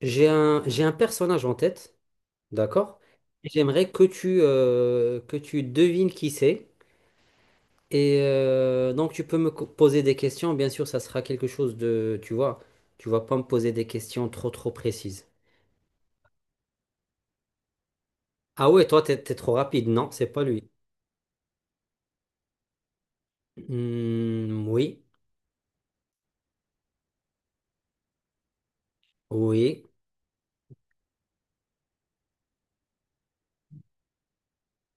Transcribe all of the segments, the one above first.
J'ai un personnage en tête, d'accord? Et j'aimerais que que tu devines qui c'est. Et donc, tu peux me poser des questions. Bien sûr, ça sera quelque chose de, tu vois, tu vas pas me poser des questions trop, trop précises. Ah ouais, toi, t'es trop rapide. Non, c'est pas lui. Hmm, oui, oui.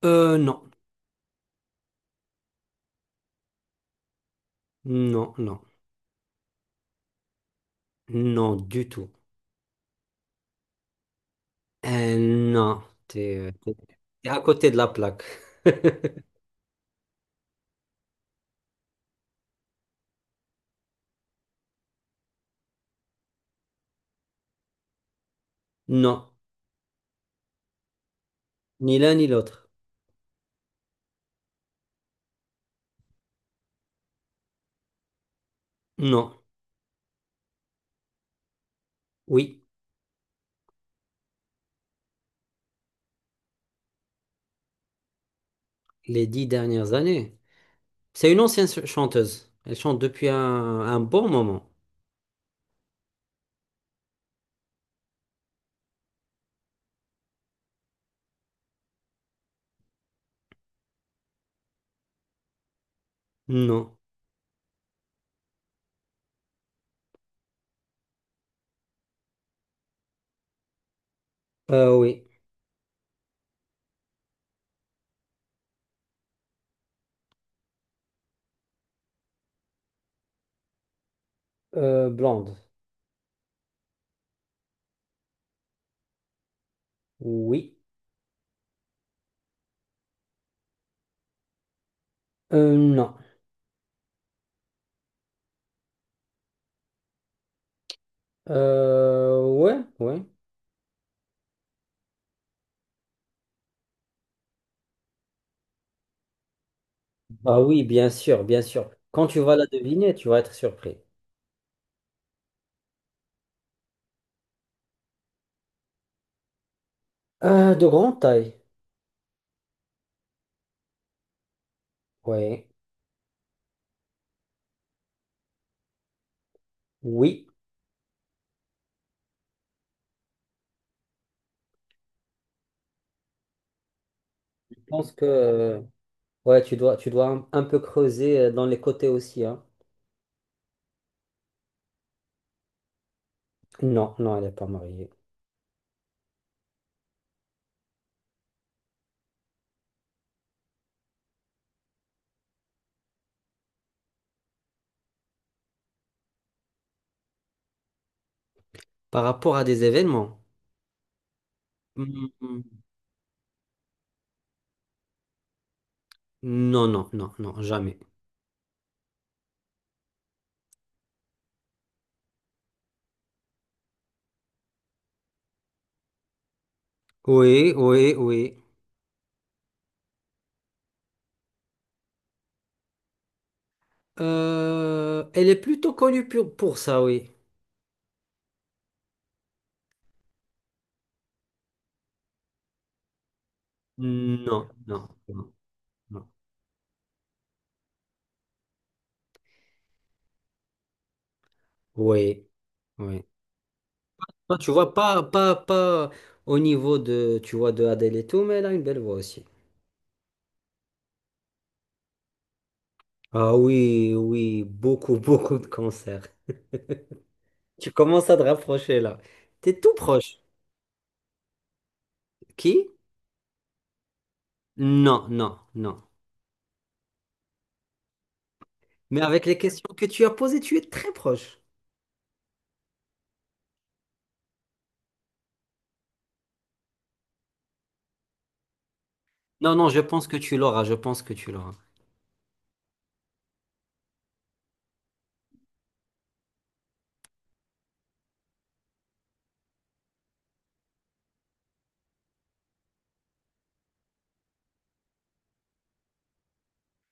Non, non, non, non, du tout. Non, t'es, euh, t'es t'es à côté de la plaque. Non, ni l'un ni l'autre. Non, oui. Les dix dernières années. C'est une ancienne chanteuse. Elle chante depuis un bon moment. Non. Oui. Blonde. Oui. Non. Ouais, ouais. Bah oui, bien sûr, bien sûr. Quand tu vas la deviner, tu vas être surpris. De grande taille. Ouais. Oui. Je pense que ouais, tu dois un peu creuser dans les côtés aussi, hein. Non, non, elle n'est pas mariée. Par rapport à des événements? Hmm, non, non, non, non, jamais. Oui, oui, oui. Elle est plutôt connue pour ça, oui. Non, non, non, non. Oui, oui. Non, tu vois, pas, pas, pas au niveau de, tu vois, de Adele et tout, mais elle a une belle voix aussi. Ah oui, oui, beaucoup, beaucoup de concerts. Tu commences à te rapprocher là. T'es tout proche. Qui? Non, non, non. Mais avec les questions que tu as posées, tu es très proche. Non, non, je pense que tu l'auras, je pense que tu l'auras.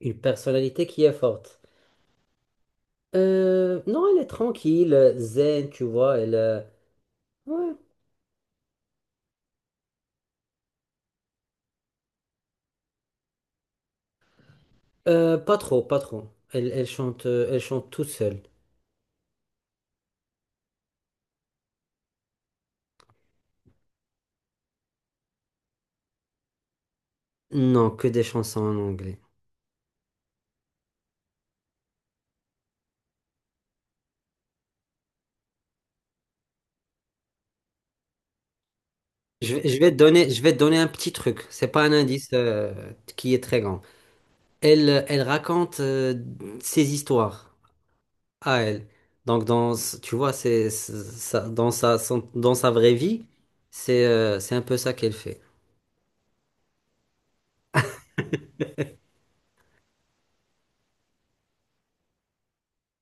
Une personnalité qui est forte. Non, elle est tranquille, zen, tu vois, ouais. Pas trop, pas trop. Elle chante toute seule. Non, que des chansons en anglais. Je vais te donner, je vais te donner un petit truc. C'est pas un indice qui est très grand. Elle raconte ses histoires à elle. Donc tu vois, dans dans sa vraie vie, c'est un peu ça qu'elle fait.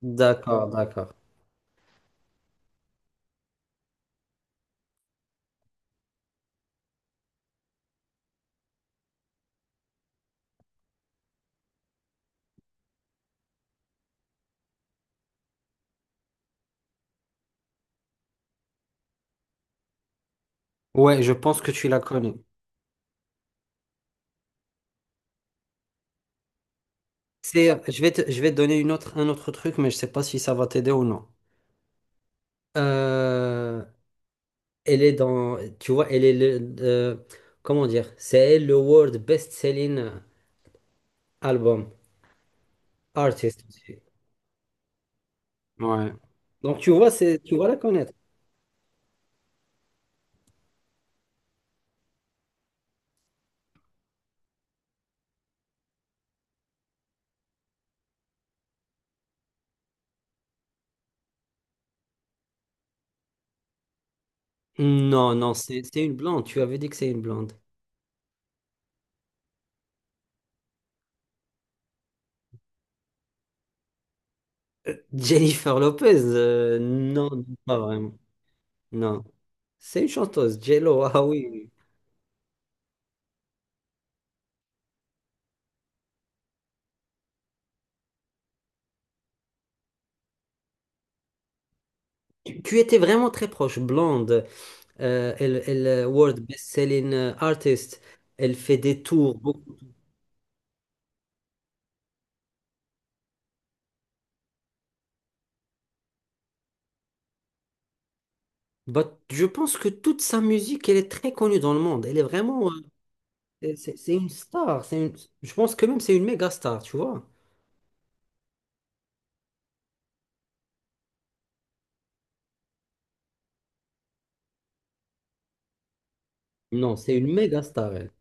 D'accord, d'accord. Ouais, je pense que tu la connais. C'est, je vais te donner un autre truc, mais je sais pas si ça va t'aider ou non. Euh, Elle est dans, tu vois, elle est le, comment dire, c'est elle le world best-selling album artist. Ouais. Donc tu vois, tu vas la connaître. Non, non, c'est une blonde. Tu avais dit que c'est une blonde. Jennifer Lopez, non, pas vraiment. Non, c'est une chanteuse. J Ah oui. Tu étais vraiment très proche, blonde. World best-selling artist. Elle fait des tours, beaucoup. Bah, je pense que toute sa musique, elle est très connue dans le monde. Elle est vraiment. C'est c'est une star. Je pense que même c'est une méga star, tu vois. Non, c'est une méga star, elle.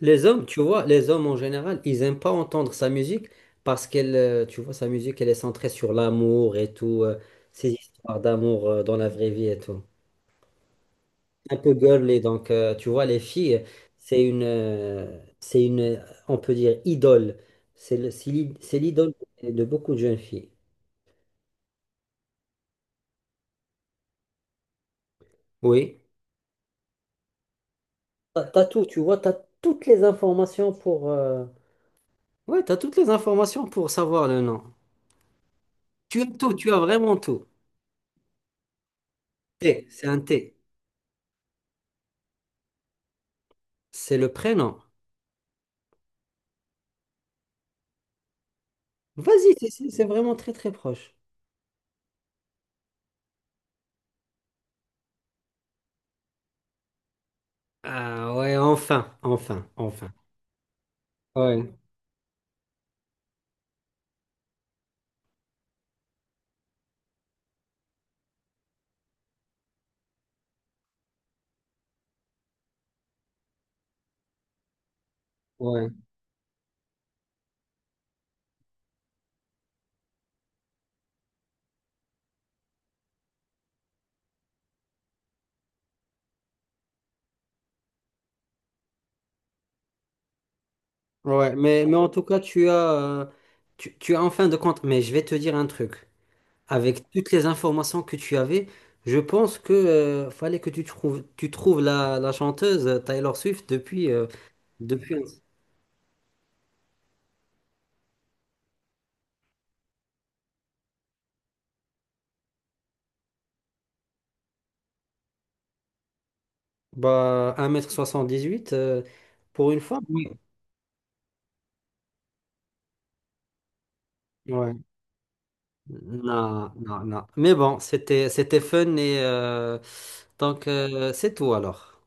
Les hommes, tu vois, les hommes en général, ils n'aiment pas entendre sa musique parce qu'elle, tu vois, sa musique, elle est centrée sur l'amour et tout, ces histoires d'amour dans la vraie vie et tout. Un peu girly. Donc, tu vois, les filles, c'est une, on peut dire, idole. C'est l'idole de beaucoup de jeunes filles. Oui. T'as tout, tu vois, t'as toutes les informations pour. Ouais, t'as toutes les informations pour savoir le nom. Tu as tout, tu as vraiment tout. T, c'est un T. C'est le prénom. Vas-y, c'est vraiment très très proche. Ah ouais, enfin, enfin, enfin. Ouais, ouais. Ouais, mais en tout cas, tu as en fin de compte, mais je vais te dire un truc. Avec toutes les informations que tu avais, je pense que fallait que tu trouves la chanteuse Taylor Swift depuis bah, 78 pour une femme. Oui. Ouais. Non, non, non. Mais bon, c'était fun et donc c'est tout alors.